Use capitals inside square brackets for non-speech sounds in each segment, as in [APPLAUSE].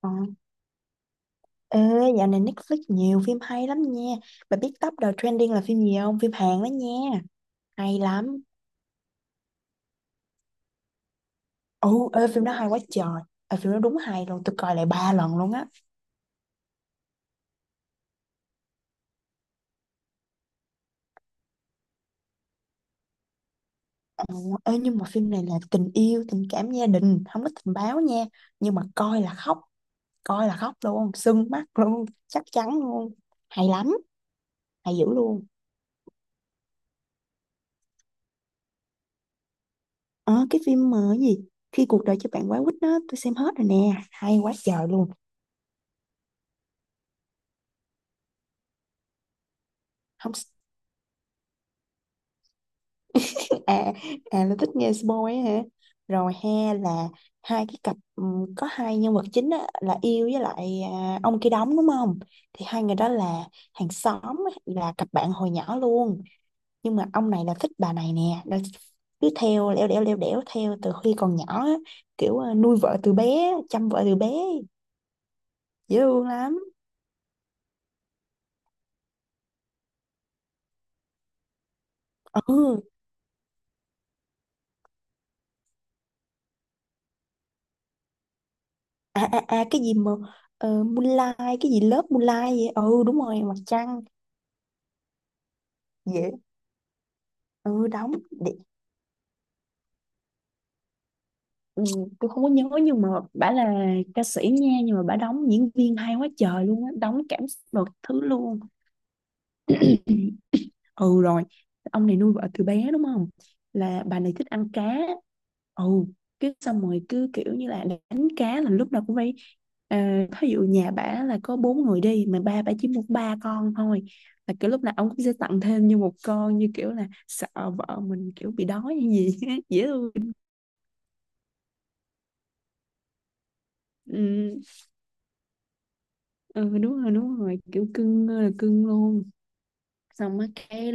Ờ. Ê, dạo này Netflix nhiều phim hay lắm nha. Bà biết Top đầu Trending là phim gì không? Phim Hàn đó nha. Hay lắm. Ồ, ê, phim đó hay quá trời. Ờ, phim đó đúng hay luôn. Tôi coi lại ba lần luôn á. Ờ, ê, nhưng mà phim này là tình yêu, tình cảm gia đình. Không có tình báo nha. Nhưng mà coi là khóc. Coi là khóc luôn. Sưng mắt luôn. Chắc chắn luôn. Hay lắm. Hay dữ luôn. Ờ, cái phim mà cái gì? Khi cuộc đời cho bạn quá quýt đó, tôi xem hết rồi nè. Hay quá trời luôn. Không, à à là thích nghe spoil ấy hả? Rồi he, là hai cái cặp, có hai nhân vật chính á, là yêu với lại, à, ông kia đóng đúng không? Thì hai người đó là hàng xóm á, là cặp bạn hồi nhỏ luôn, nhưng mà ông này là thích bà này nè, là cứ theo lẻo đẻo theo từ khi còn nhỏ á, kiểu à, nuôi vợ từ bé chăm vợ từ bé, dễ thương lắm. Ừ, à cái gì mà Moonlight cái gì, lớp Moonlight vậy. Ừ, đúng rồi, mặt trăng. Dễ. Ừ, đóng. Ừ, tôi không có nhớ nhưng mà bả là ca sĩ nha, nhưng mà bả đóng diễn viên hay quá trời luôn á, đóng cảm xúc thứ luôn. [COUGHS] [CLEARS THROAT] Ừ rồi, ông này nuôi vợ từ bé đúng không, là bà này thích ăn cá. Ừ, cái xong rồi cứ kiểu như là đánh cá là lúc nào cũng phải, à, thí dụ nhà bả là có bốn người đi mà ba bả chỉ mua ba con thôi, là kiểu lúc nào ông cũng sẽ tặng thêm như một con, như kiểu là sợ vợ mình kiểu bị đói hay gì. [LAUGHS] Dễ thương. Ừ. Ừ đúng rồi đúng rồi, kiểu cưng ơi là cưng luôn. Xong á cái,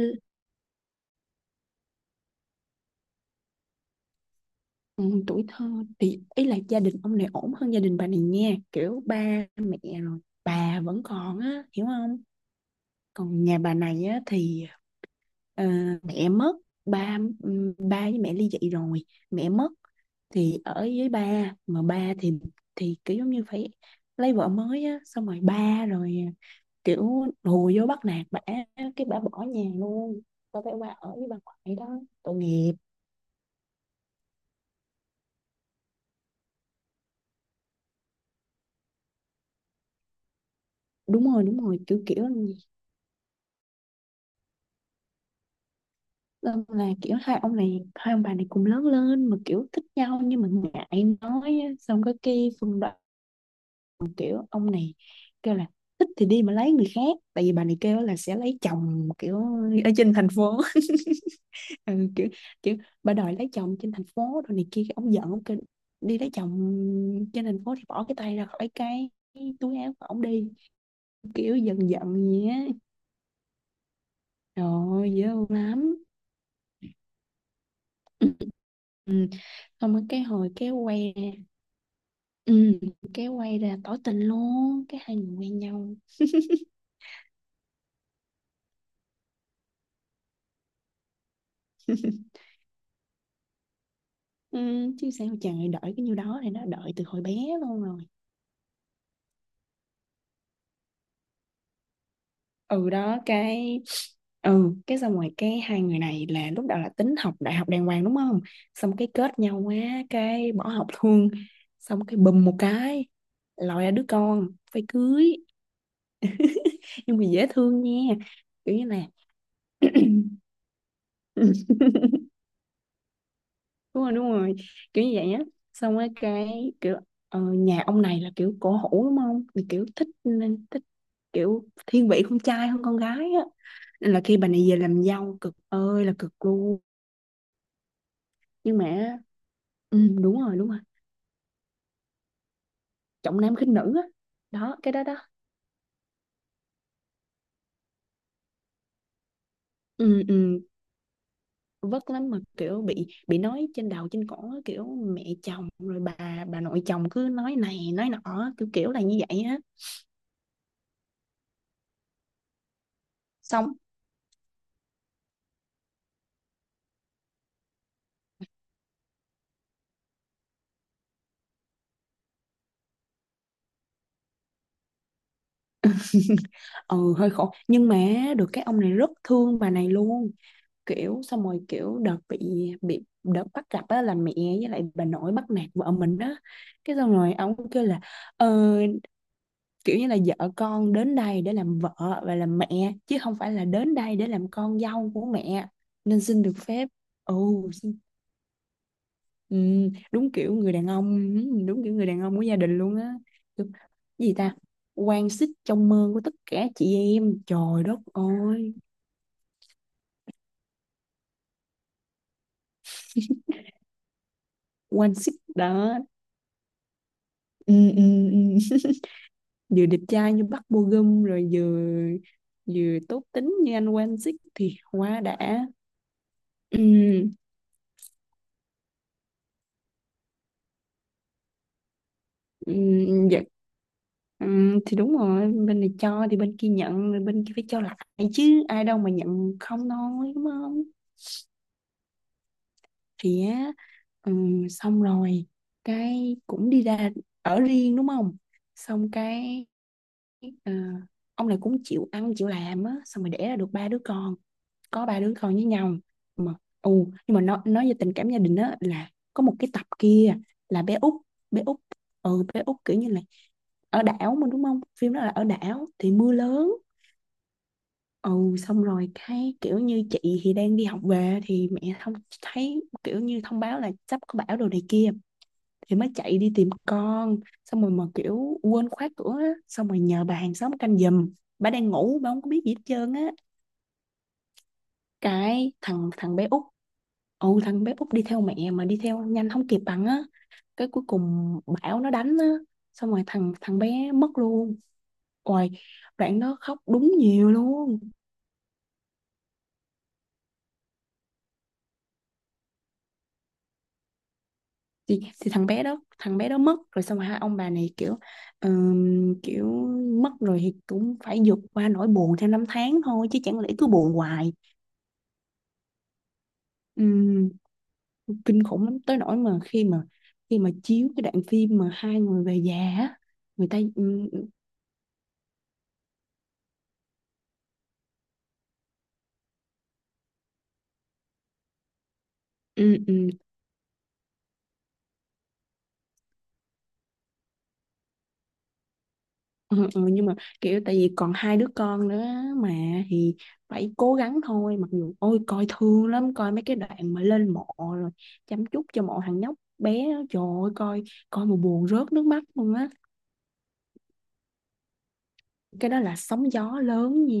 ừ, tuổi thơ thì ý là gia đình ông này ổn hơn gia đình bà này nha, kiểu ba mẹ rồi bà vẫn còn á, hiểu không? Còn nhà bà này á thì, ờ, mẹ mất, ba, ừ, ba với mẹ ly dị rồi, mẹ mất, thì ở với ba mà ba thì kiểu giống như phải lấy vợ mới á, xong rồi ba rồi kiểu hùa vô bắt nạt bả, cái bả bỏ nhà luôn, bà phải qua ở với bà ngoại đó, tội nghiệp. Đúng rồi đúng rồi, kiểu kiểu là gì? Nên là kiểu hai ông này, hai ông bà này cùng lớn lên mà kiểu thích nhau nhưng mà ngại nói á. Xong có cái phần đó, kiểu ông này kêu là thích thì đi mà lấy người khác, tại vì bà này kêu là sẽ lấy chồng kiểu ở trên thành phố. [LAUGHS] Ừ, kiểu kiểu bà đòi lấy chồng trên thành phố rồi này kia, cái ông giận, ông kêu đi lấy chồng trên thành phố thì bỏ cái tay ra khỏi cái túi áo của ông đi, kiểu giận giận gì á. Rồi dữ lắm. [LAUGHS] Ừ. Ừ. Xong rồi cái hồi kéo quay ra, ừ, kéo quay ra tỏ tình luôn, cái hai người quen nhau. [LAUGHS] Ừ. Chứ sao chàng đợi cái nhiêu đó, thì nó đợi từ hồi bé luôn rồi. Ừ đó cái, ừ cái xong rồi cái hai người này là lúc đầu là tính học đại học đàng hoàng đúng không, xong cái kết nhau quá cái bỏ học luôn, xong cái bùm một cái lòi ra đứa con phải cưới, nhưng mà dễ thương nha, kiểu như là [CLEARS THROAT] ừ, đúng rồi đúng rồi, kiểu như vậy á. Xong rồi cái kiểu, ờ, nhà ông này là kiểu cổ hủ đúng không, thì kiểu thích nên thích, kiểu thiên vị con trai hơn con gái á, nên là khi bà này về làm dâu cực ơi là cực, nhưng mà ừ, đúng rồi đúng rồi, trọng nam khinh nữ á. Đó cái đó đó. Ừ, ừ. Vất lắm, mà kiểu bị nói trên đầu trên cổ á, kiểu mẹ chồng rồi bà nội chồng cứ nói này nói nọ á, kiểu kiểu là như vậy á. Xong. [LAUGHS] Ừ, hơi khổ nhưng mà được cái ông này rất thương bà này luôn, kiểu xong rồi kiểu đợt bị đợt bắt gặp á, là mẹ với lại bà nội bắt nạt vợ mình á, cái xong rồi ông kêu là ờ, kiểu như là vợ con đến đây để làm vợ và làm mẹ chứ không phải là đến đây để làm con dâu của mẹ, nên xin được phép. Ồ xin-, ừ, đúng kiểu người đàn ông, ừ, đúng kiểu người đàn ông của gia đình luôn á. Kiểu, cái gì ta, quan xích trong mơ của tất cả chị em, trời đất ơi. Quan xích đó. Ừ, ừ, ừ. [LAUGHS] Vừa đẹp trai như Bắc Bo Gum rồi vừa, vừa tốt tính như anh quan xích thì quá đã. Ừ. Dạ. Thì đúng rồi, bên này cho thì bên kia nhận, rồi bên kia phải cho lại, chứ ai đâu mà nhận không thôi đúng không? Thì á, xong rồi cái cũng đi ra ở riêng đúng không, xong cái ờ, ông này cũng chịu ăn chịu làm á, xong rồi đẻ ra được ba đứa con, có ba đứa con với nhau mà. Ừ. Nhưng mà nó nói về tình cảm gia đình á, là có một cái tập kia là bé Út, bé Út, ừ bé Út kiểu như là ở đảo mà đúng không, phim đó là ở đảo thì mưa lớn. Ừ, xong rồi cái kiểu như chị thì đang đi học về, thì mẹ không thấy, kiểu như thông báo là sắp có bão đồ này kia, thì mới chạy đi tìm con, xong rồi mà kiểu quên khóa cửa á, xong rồi nhờ bà hàng xóm canh giùm, bà đang ngủ, bà không có biết gì hết trơn á, cái thằng thằng bé út. Ừ, thằng bé út đi theo mẹ mà đi theo nhanh không kịp bằng á, cái cuối cùng bão nó đánh á, xong rồi thằng thằng bé mất luôn. Ôi, đoạn đó khóc đúng nhiều luôn. Thì thằng bé đó, thằng bé đó mất rồi, xong rồi hai ông bà này kiểu, kiểu mất rồi thì cũng phải vượt qua nỗi buồn theo năm tháng thôi, chứ chẳng lẽ cứ buồn hoài. Kinh khủng lắm, tới nỗi mà khi mà khi mà chiếu cái đoạn phim mà hai người về già á, người ta ừm, ừm, ừ, ừ, nhưng mà kiểu tại vì còn hai đứa con nữa mà thì phải cố gắng thôi, mặc dù ôi coi thương lắm, coi mấy cái đoạn mà lên mộ rồi chăm chút cho mộ thằng nhóc bé đó, trời ơi, coi, coi mà buồn rớt nước mắt luôn á. Cái đó là sóng gió lớn nha,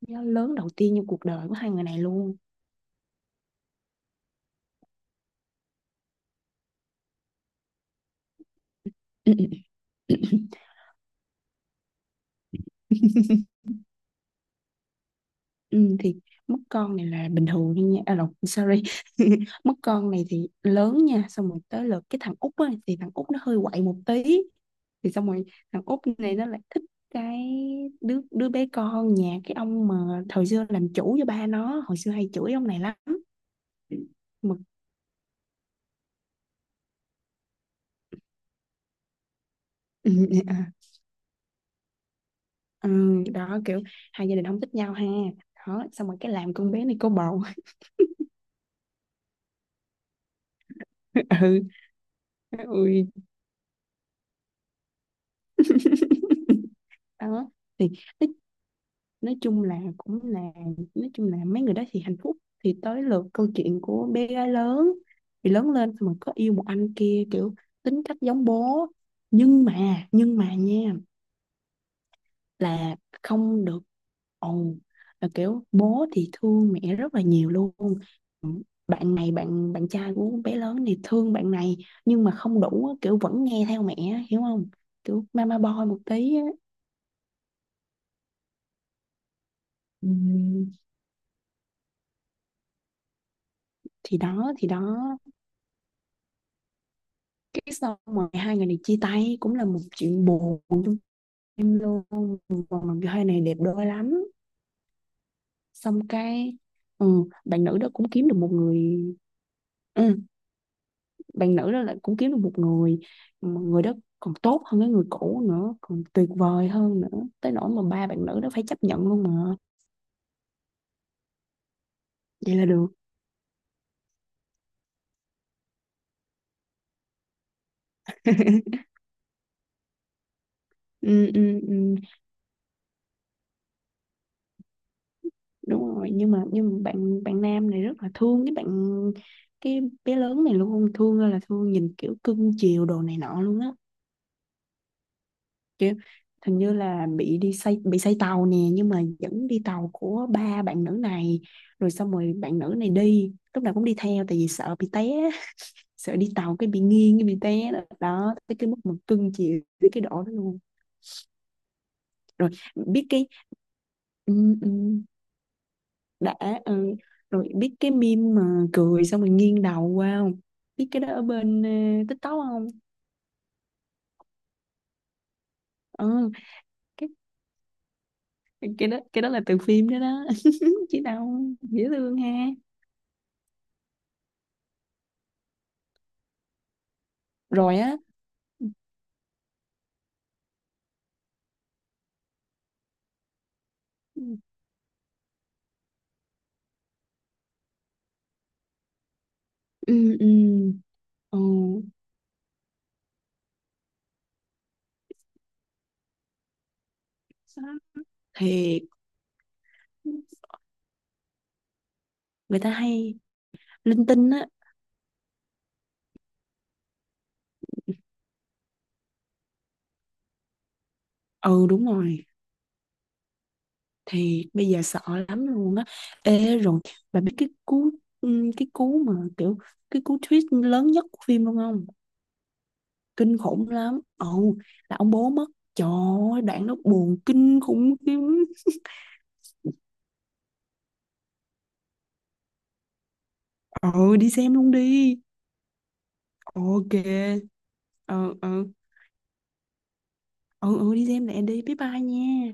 sóng gió lớn đầu tiên trong cuộc đời của hai người này luôn. [LAUGHS] Ừ, ừ. [COUGHS] Ừ, thì mất con này là bình thường thôi nha, à, lộn, sorry. [LAUGHS] Mất con này thì lớn nha, xong rồi tới lượt cái thằng út á, thì thằng út nó hơi quậy một tí. Thì xong rồi thằng út này nó lại thích cái đứa đứa bé con nhà cái ông mà thời xưa làm chủ cho ba nó, hồi xưa hay chửi ông này lắm mà. [LAUGHS] À, ừ, đó kiểu hai gia đình không thích nhau ha, đó xong rồi cái làm con bé này có bầu. [LAUGHS] Ừ, ui. Đó thì nói chung là cũng là, nói chung là mấy người đó thì hạnh phúc. Thì tới lượt câu chuyện của bé gái lớn, thì lớn lên xong rồi có yêu một anh kia kiểu tính cách giống bố, nhưng mà nha, là không được, ồn, là kiểu bố thì thương mẹ rất là nhiều luôn, bạn này bạn bạn trai của bé lớn thì thương bạn này nhưng mà không đủ á, kiểu vẫn nghe theo mẹ á, hiểu không? Kiểu mama boy một tí á. Ừm, thì đó thì đó, cái xong rồi hai người này chia tay cũng là một chuyện buồn trong em luôn, còn làm cho hai này đẹp đôi lắm, xong cái ừ, bạn nữ đó cũng kiếm được một người, ừ, bạn nữ đó lại cũng kiếm được một người mà người đó còn tốt hơn cái người cũ nữa, còn tuyệt vời hơn nữa, tới nỗi mà ba bạn nữ đó phải chấp nhận luôn mà. Vậy là được. [LAUGHS] Ừ, ừ, ừ, đúng rồi, nhưng mà bạn bạn nam này rất là thương cái bạn, cái bé lớn này luôn, thương ơi là thương, nhìn kiểu cưng chiều đồ này nọ luôn á, kiểu hình như là bị đi say, bị say tàu nè, nhưng mà vẫn đi tàu của ba bạn nữ này, rồi xong rồi bạn nữ này đi lúc nào cũng đi theo, tại vì sợ bị té. [LAUGHS] Sợ đi tàu cái bị nghiêng cái bị té đó, đó tới cái mức mà cưng chịu tới cái độ đó luôn. Rồi biết cái, ừ, ừ, đã, ừ. Rồi biết cái meme mà cười xong rồi nghiêng đầu qua không, biết cái đó ở bên ờ, TikTok không? Ừ, cái cái đó là từ phim đó đó. [LAUGHS] Chứ đâu dễ thương ha. Rồi á. Ừ ừ ừ. Thì người ta hay linh tinh á. Ừ đúng rồi, thì bây giờ sợ lắm luôn á. Ê rồi, bà biết cái cú, ừ, cái cú mà kiểu, cái cú twist lớn nhất của phim luôn không? Kinh khủng lắm. Ừ, là ông bố mất, trời ơi đoạn nó buồn kinh khủng khiếp. Ừ, đi xem luôn đi. OK. Ừ ừ, ừ ừ, đi xem lẹ đi, bye bye nha.